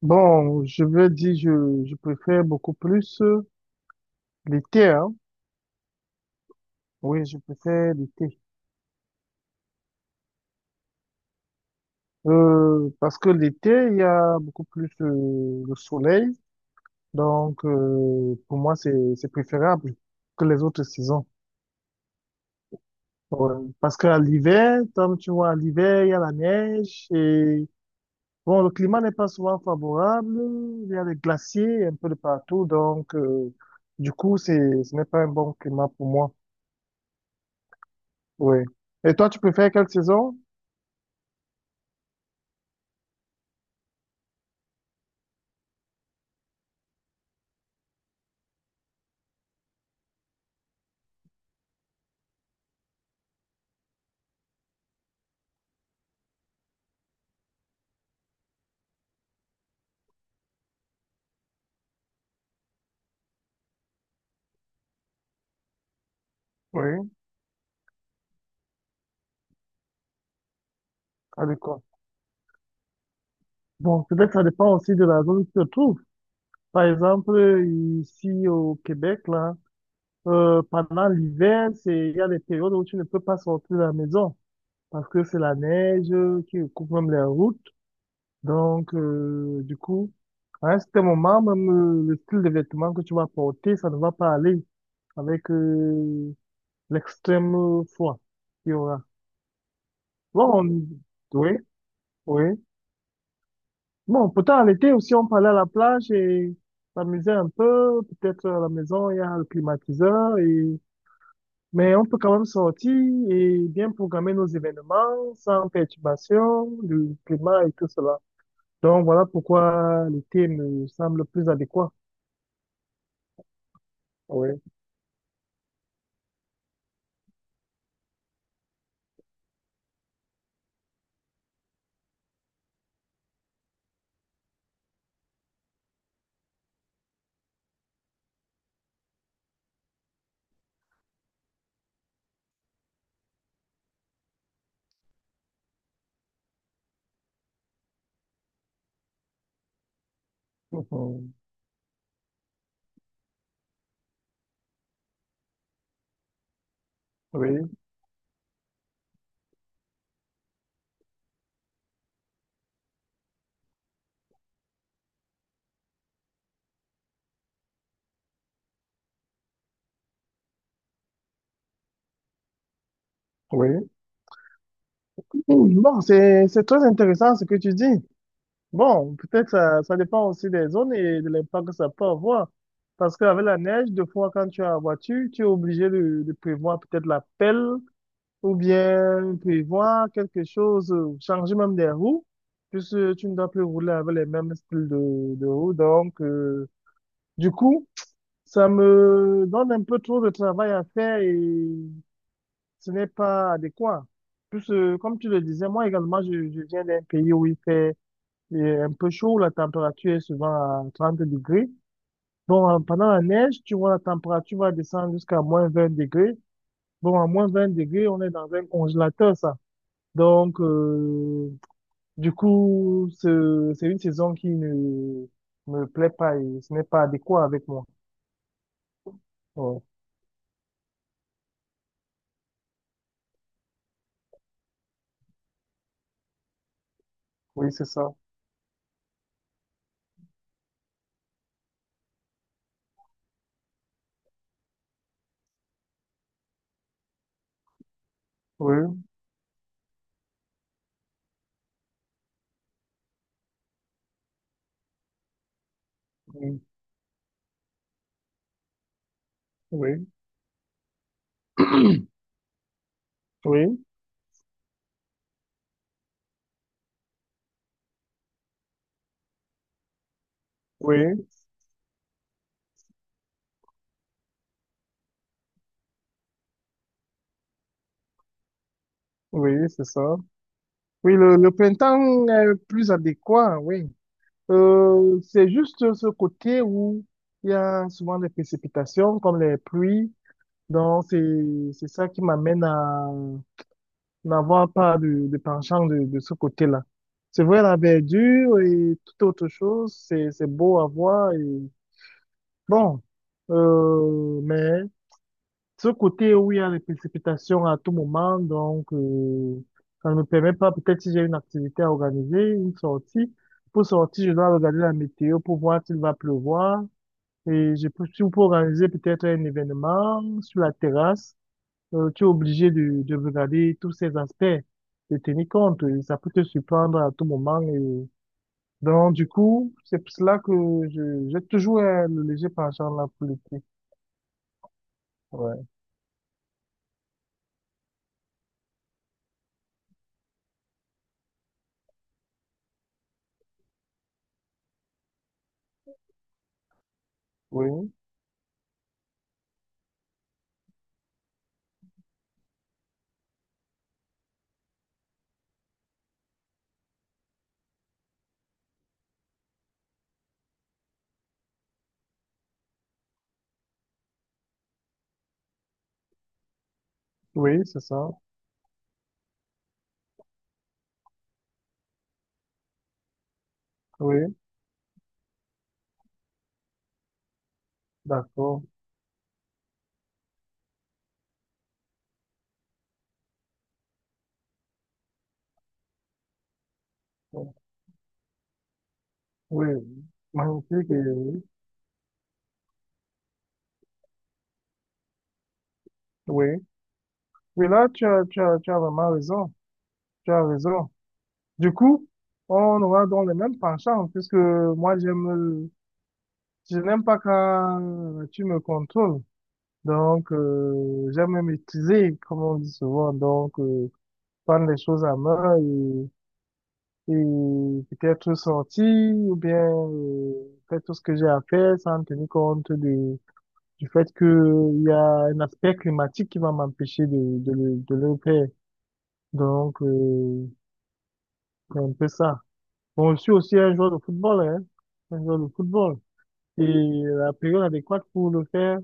Bon, je veux dire, je préfère beaucoup plus l'été, hein. Oui, je préfère l'été. Parce que l'été, il y a beaucoup plus le soleil. Donc, pour moi, c'est préférable que les autres saisons. Ouais. Parce qu'à l'hiver, comme tu vois, à l'hiver, il y a la neige et bon, le climat n'est pas souvent favorable. Il y a des glaciers un peu de partout. Donc, du coup, ce n'est pas un bon climat pour moi. Oui. Et toi, tu préfères quelle saison? Oui, à Bon, peut-être ça dépend aussi de la zone où tu te trouves. Par exemple, ici au Québec, là, pendant l'hiver, il y a des périodes où tu ne peux pas sortir de la maison parce que c'est la neige qui coupe même les routes. Donc, du coup, à un certain moment, même le style de vêtements que tu vas porter, ça ne va pas aller avec l'extrême froid qu'il y aura. Bon, on... Oui, oui. Bon, pourtant, en été aussi, on parlait à la plage et s'amusait un peu. Peut-être à la maison, il y a le climatiseur et, mais on peut quand même sortir et bien programmer nos événements sans perturbation du climat et tout cela. Donc, voilà pourquoi l'été me semble plus adéquat. Oui. Mhm. Oui. Oui. Bon, c'est très intéressant ce que tu dis. Bon, peut-être ça dépend aussi des zones et de l'impact que ça peut avoir. Parce qu'avec la neige, des fois, quand tu as la voiture, tu es obligé de prévoir peut-être la pelle ou bien prévoir quelque chose, changer même des roues, puisque tu ne dois plus rouler avec les mêmes styles de roues. Donc, du coup, ça me donne un peu trop de travail à faire et ce n'est pas adéquat. Puisque, comme tu le disais, moi également, je viens d'un pays où il fait il est un peu chaud, la température est souvent à 30 degrés. Bon, pendant la neige, tu vois, la température va descendre jusqu'à moins 20 degrés. Bon, à moins 20 degrés, on est dans un congélateur, ça. Donc, du coup, c'est une saison qui ne me plaît pas et ce n'est pas adéquat avec moi. Ouais. Oui, c'est ça. Oui, oui, oui, oui, oui, oui, c'est ça. Oui, le printemps est plus adéquat, oui. C'est juste ce côté où il y a souvent des précipitations comme les pluies. Donc, c'est ça qui m'amène à n'avoir pas de penchant de ce côté-là. C'est vrai, la verdure et toute autre chose, c'est beau à voir et bon. Mais ce côté où il y a des précipitations à tout moment, donc ça ne me permet pas, peut-être si j'ai une activité à organiser, une sortie, pour sortir, je dois regarder la météo pour voir s'il va pleuvoir. Et je peux, si on peut organiser peut-être un événement sur la terrasse, tu es obligé de regarder tous ces aspects, de tenir compte. Et ça peut te surprendre à tout moment. Et donc, du coup, c'est pour cela que j'ai toujours le léger penchant là pour l'été. Ouais. Oui, oui, c'est ça. Oui. D'accord. Bon. Oui, magnifique. Et Oui, oui, Oui, là, tu as vraiment raison. Tu as raison. Du coup, on aura donc les mêmes penchants, puisque moi, je n'aime pas quand tu me contrôles. Donc, j'aime me maîtriser, comme on dit souvent. Donc, prendre les choses à main et peut-être sortir ou bien faire tout ce que j'ai à faire sans tenir compte de du fait que il y a un aspect climatique qui va m'empêcher de le faire. Donc, c'est un peu ça. Bon, je suis aussi un joueur de football, hein, un joueur de football. Et la période adéquate pour le faire,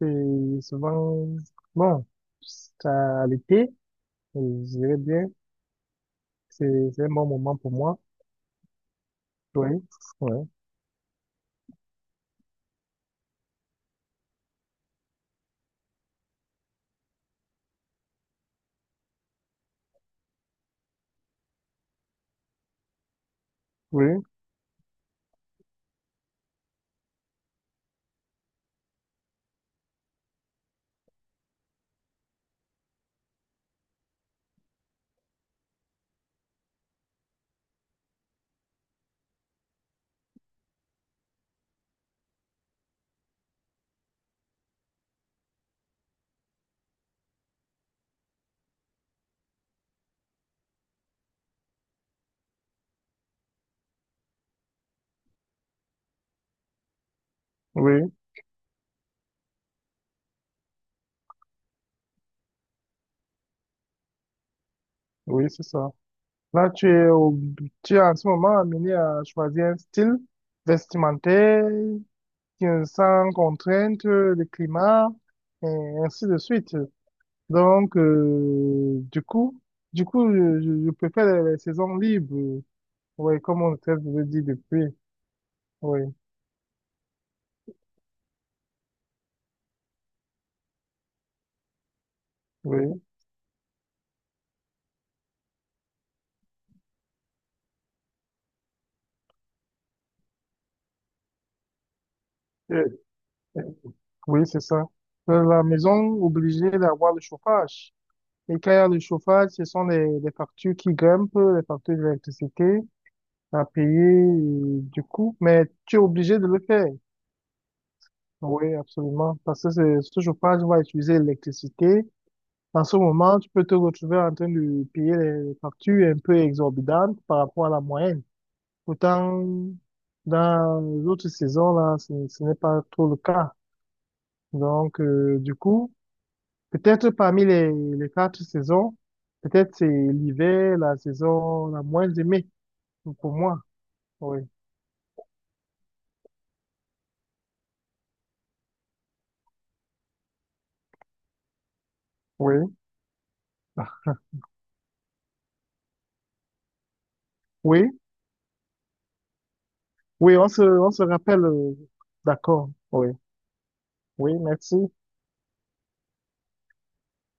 c'est souvent, bon, c'est à l'été, je dirais bien, c'est un bon moment pour moi. Oui, oui, oui, oui, oui, c'est ça. Là, tu es en ce moment amené à choisir un style vestimentaire sans contrainte, le climat, et ainsi de suite. Donc, du coup, je préfère les saisons libres. Oui, comme on peut le dit depuis. Oui, oui, Euh, euh, oui, c'est ça. Dans la maison obligée d'avoir le chauffage. Et quand il y a le chauffage, ce sont les factures qui grimpent, les factures d'électricité à payer, et du coup, mais tu es obligé de le faire. Oui, absolument. Parce que ce chauffage va utiliser l'électricité. Dans ce moment, tu peux te retrouver en train de payer des factures un peu exorbitantes par rapport à la moyenne. Pourtant, dans les autres saisons, là, ce n'est pas trop le cas. Donc, du coup, peut-être parmi les 4 saisons, peut-être c'est l'hiver, la saison la moins aimée pour moi. Oui, oui, oui, oui, on se rappelle. D'accord, oui, oui, merci.